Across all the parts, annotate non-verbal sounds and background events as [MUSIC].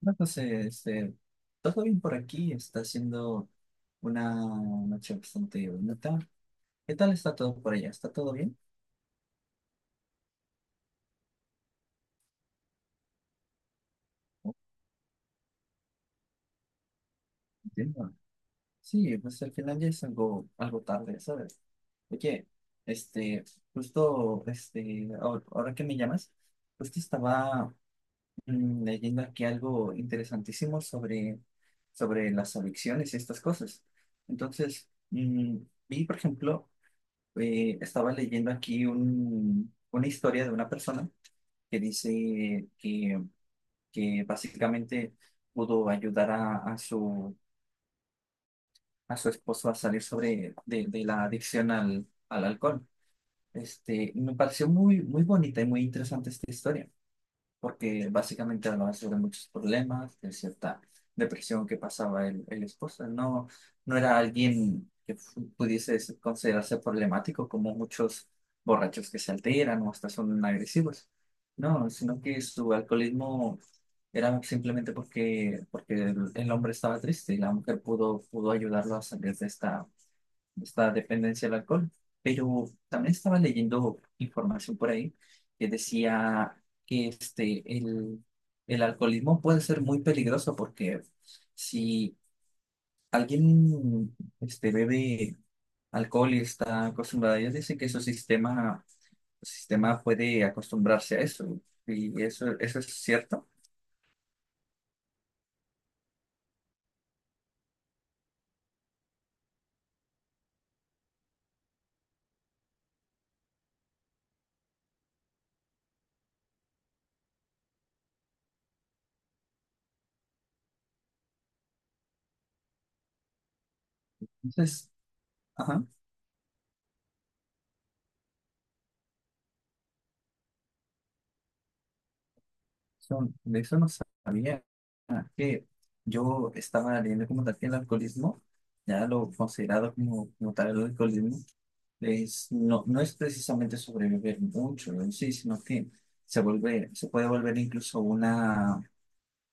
No, José, todo bien por aquí, está siendo una noche bastante bonita. ¿Qué tal está todo por allá? ¿Está todo bien? Oh, entiendo. Sí, pues al final ya es algo tarde, ¿sabes? Oye, este, justo, ahora que me llamas, justo estaba leyendo aquí algo interesantísimo sobre las adicciones y estas cosas. Entonces, vi, por ejemplo, estaba leyendo aquí una historia de una persona que dice que básicamente pudo ayudar a a su esposo a salir sobre de la adicción al alcohol. Este, me pareció muy, muy bonita y muy interesante esta historia, porque básicamente hablaba sobre muchos problemas, de cierta depresión que pasaba el esposo. No, no era alguien que pudiese considerarse problemático como muchos borrachos que se alteran o hasta son agresivos. No, sino que su alcoholismo era simplemente porque el hombre estaba triste y la mujer pudo ayudarlo a salir de esta dependencia al alcohol. Pero también estaba leyendo información por ahí que decía que el alcoholismo puede ser muy peligroso porque si alguien bebe alcohol y está acostumbrado, ellos dicen que su su sistema puede acostumbrarse a eso. Y eso es cierto. Entonces, ajá. De eso no sabía. Ah, que yo estaba leyendo como tal que el alcoholismo, ya lo considerado como, como tal el alcoholismo, es, no, no es precisamente sobrevivir mucho en sí, sino que se se puede volver incluso una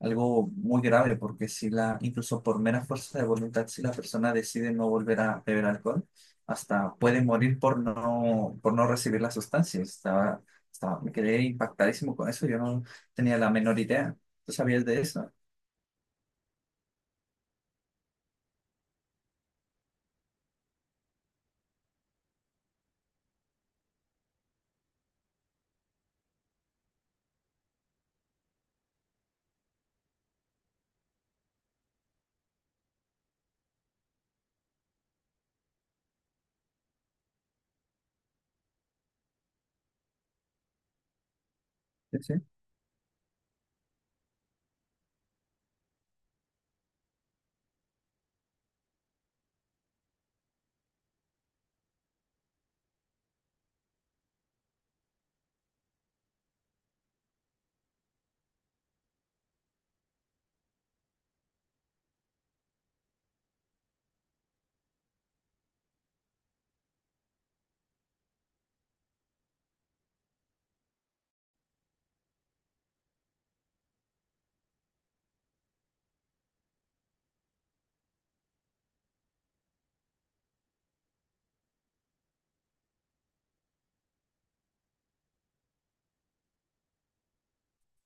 algo muy grave, porque si incluso por mera fuerza de voluntad, si la persona decide no volver a beber alcohol, hasta puede morir por por no recibir la sustancia. Estaba, me quedé impactadísimo con eso, yo no tenía la menor idea. ¿Tú sabías de eso? Sí, sí.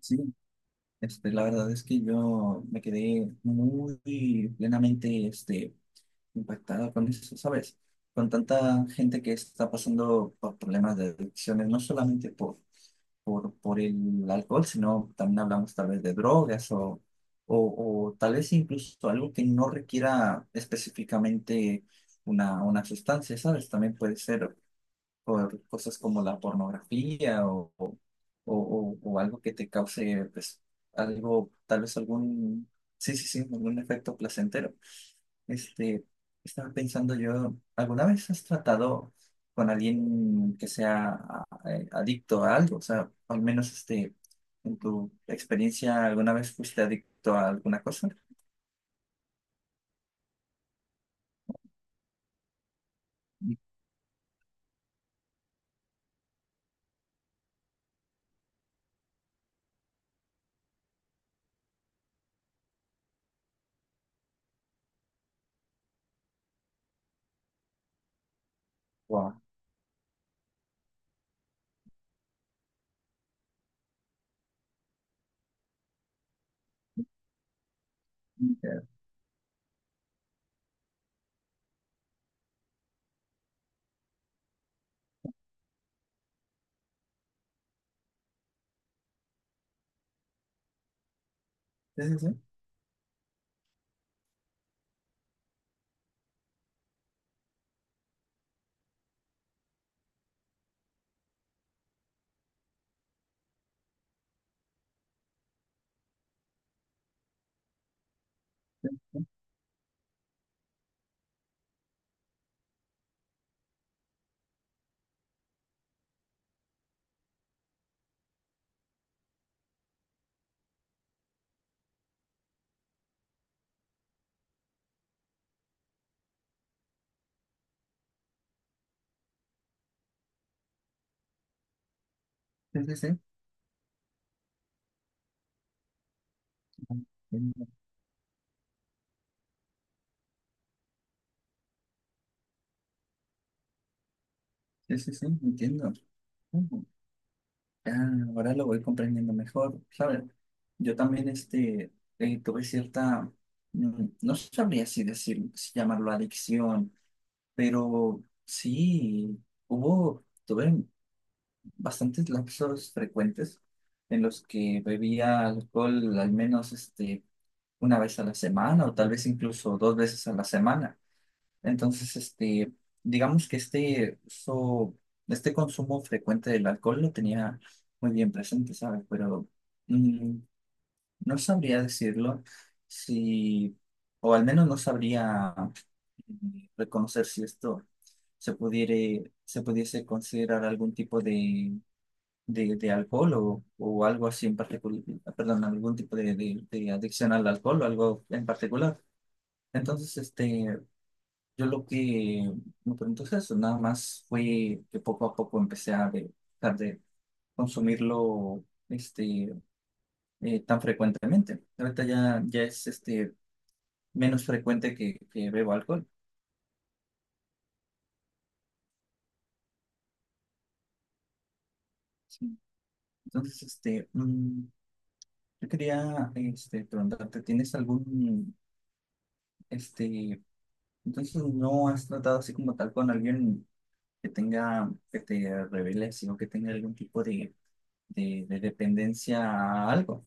Sí. Este, la verdad es que yo me quedé muy plenamente impactada con eso, ¿sabes? Con tanta gente que está pasando por problemas de adicciones, no solamente por el alcohol, sino también hablamos tal vez de drogas o tal vez incluso algo que no requiera específicamente una sustancia, ¿sabes? También puede ser por cosas como la pornografía o algo que te cause, pues, tal vez algún, sí, sí, sí, algún efecto placentero. Este, estaba pensando yo, ¿alguna vez has tratado con alguien que sea adicto a algo? O sea, al menos este, en tu experiencia, ¿alguna vez fuiste adicto a alguna cosa? Wow. Sí, sí, sí. Sí, sí, sí. Sí, sí, sí, entiendo. Ah, ahora lo voy comprendiendo mejor, ¿sabes? Yo también tuve no sabría si decir, si llamarlo adicción, pero sí, tuve bastantes lapsos frecuentes en los que bebía alcohol al menos este, una vez a la semana o tal vez incluso dos veces a la semana. Entonces, este, digamos que este este consumo frecuente del alcohol lo tenía muy bien presente, ¿sabes? Pero mm, no sabría decirlo si, o al menos no sabría reconocer si esto se pudiese considerar algún tipo de alcohol o algo así en particular, perdón, algún tipo de adicción al alcohol o algo en particular. Entonces, este, yo lo que me pregunto es eso, nada más fue que poco a poco empecé a dejar de consumirlo este, tan frecuentemente. Ahorita ya es este, menos frecuente que bebo alcohol. Sí. Entonces, yo quería este, preguntarte, ¿tienes algún, este, entonces no has tratado así como tal con alguien que tenga, que te revele, sino que tenga algún tipo de dependencia a algo?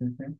Ujú.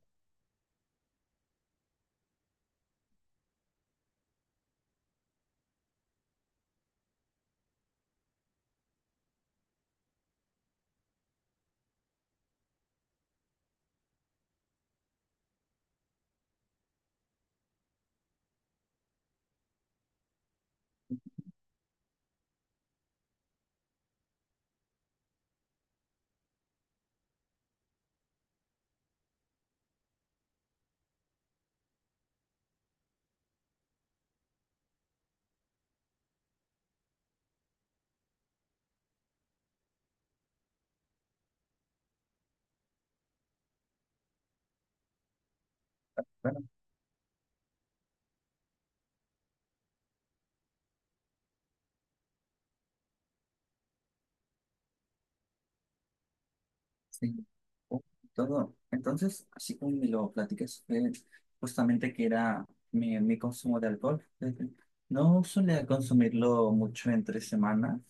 Sí, oh, todo. Entonces, así como me lo platicas, fue justamente que era mi consumo de alcohol. Desde- No solía consumirlo mucho entre semana,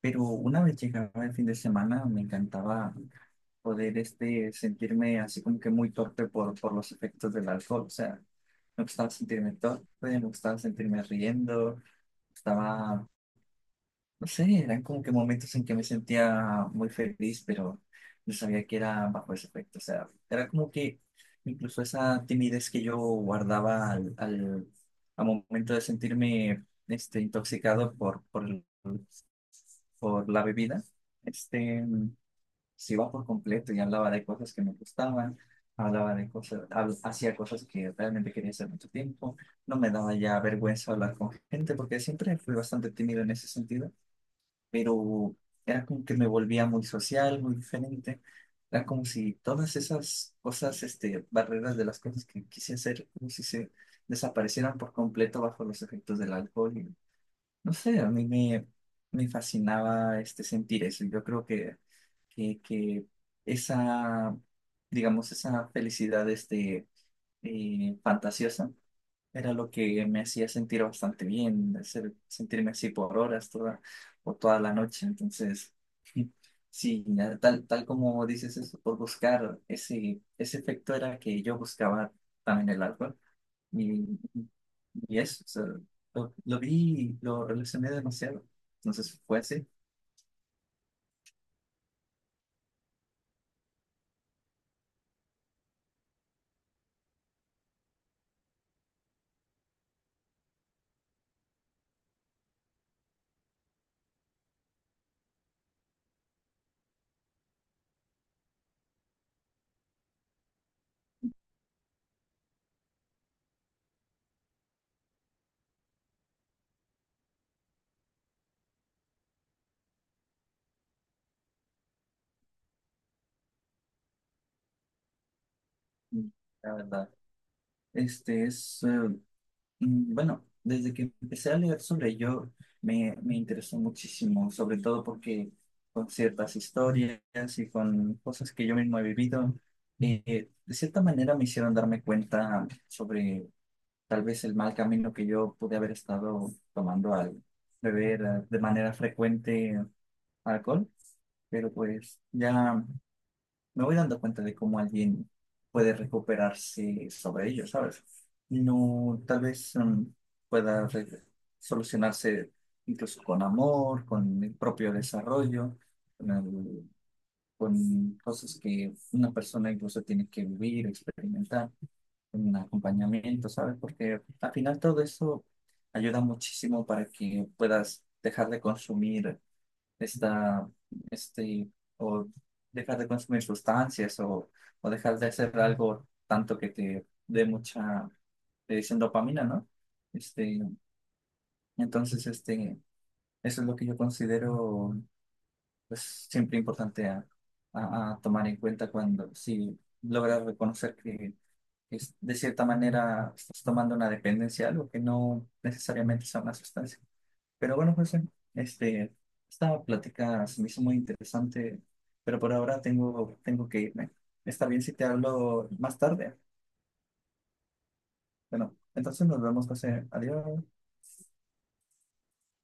pero una vez llegaba el fin de semana me encantaba poder este, sentirme así como que muy torpe por los efectos del alcohol. O sea, me gustaba sentirme torpe, me gustaba sentirme riendo, estaba no sé, eran como que momentos en que me sentía muy feliz, pero no sabía que era bajo ese efecto. O sea, era como que incluso esa timidez que yo guardaba al momento de sentirme este, intoxicado por la bebida, este, se iba por completo y hablaba de cosas que me gustaban, hablaba de cosas, hacía cosas que realmente quería hacer mucho tiempo. No me daba ya vergüenza hablar con gente porque siempre fui bastante tímido en ese sentido, pero era como que me volvía muy social, muy diferente. Era como si todas esas cosas, este, barreras de las cosas que quise hacer, como si se desaparecieran por completo bajo los efectos del alcohol. Y, no sé, a me fascinaba este, sentir eso. Yo creo que esa, digamos, esa felicidad fantasiosa era lo que me hacía sentir bastante bien, hacer, sentirme así por horas toda, o toda la noche. Entonces, [LAUGHS] sí, ya tal como dices eso, por buscar ese efecto era que yo buscaba también el alcohol. Y, y eso, o sea, lo vi, y lo relacioné demasiado. Entonces fue así, la verdad. Este es, mm, bueno, desde que empecé a leer sobre ello, me interesó muchísimo, sobre todo porque con ciertas historias y con cosas que yo mismo he vivido, de cierta manera me hicieron darme cuenta sobre tal vez el mal camino que yo pude haber estado tomando al beber de manera frecuente alcohol, pero pues ya me voy dando cuenta de cómo alguien puede recuperarse sobre ello, ¿sabes? No, tal vez pueda solucionarse incluso con amor, con el propio desarrollo, con, el- con cosas que una persona incluso tiene que vivir, experimentar, un acompañamiento, ¿sabes? Porque al final todo eso ayuda muchísimo para que puedas dejar de consumir esta, este, o dejar de consumir sustancias o dejar de hacer algo tanto que te dé mucha, te dicen dopamina, ¿no? Este, entonces, este, eso es lo que yo considero, pues, siempre importante a tomar en cuenta cuando, si logras reconocer que de cierta manera estás tomando una dependencia, algo que no necesariamente sea una sustancia. Pero bueno, José, este, esta plática se me hizo muy interesante, pero por ahora tengo que irme. Está bien si te hablo más tarde. Bueno, entonces nos vemos, José. Adiós.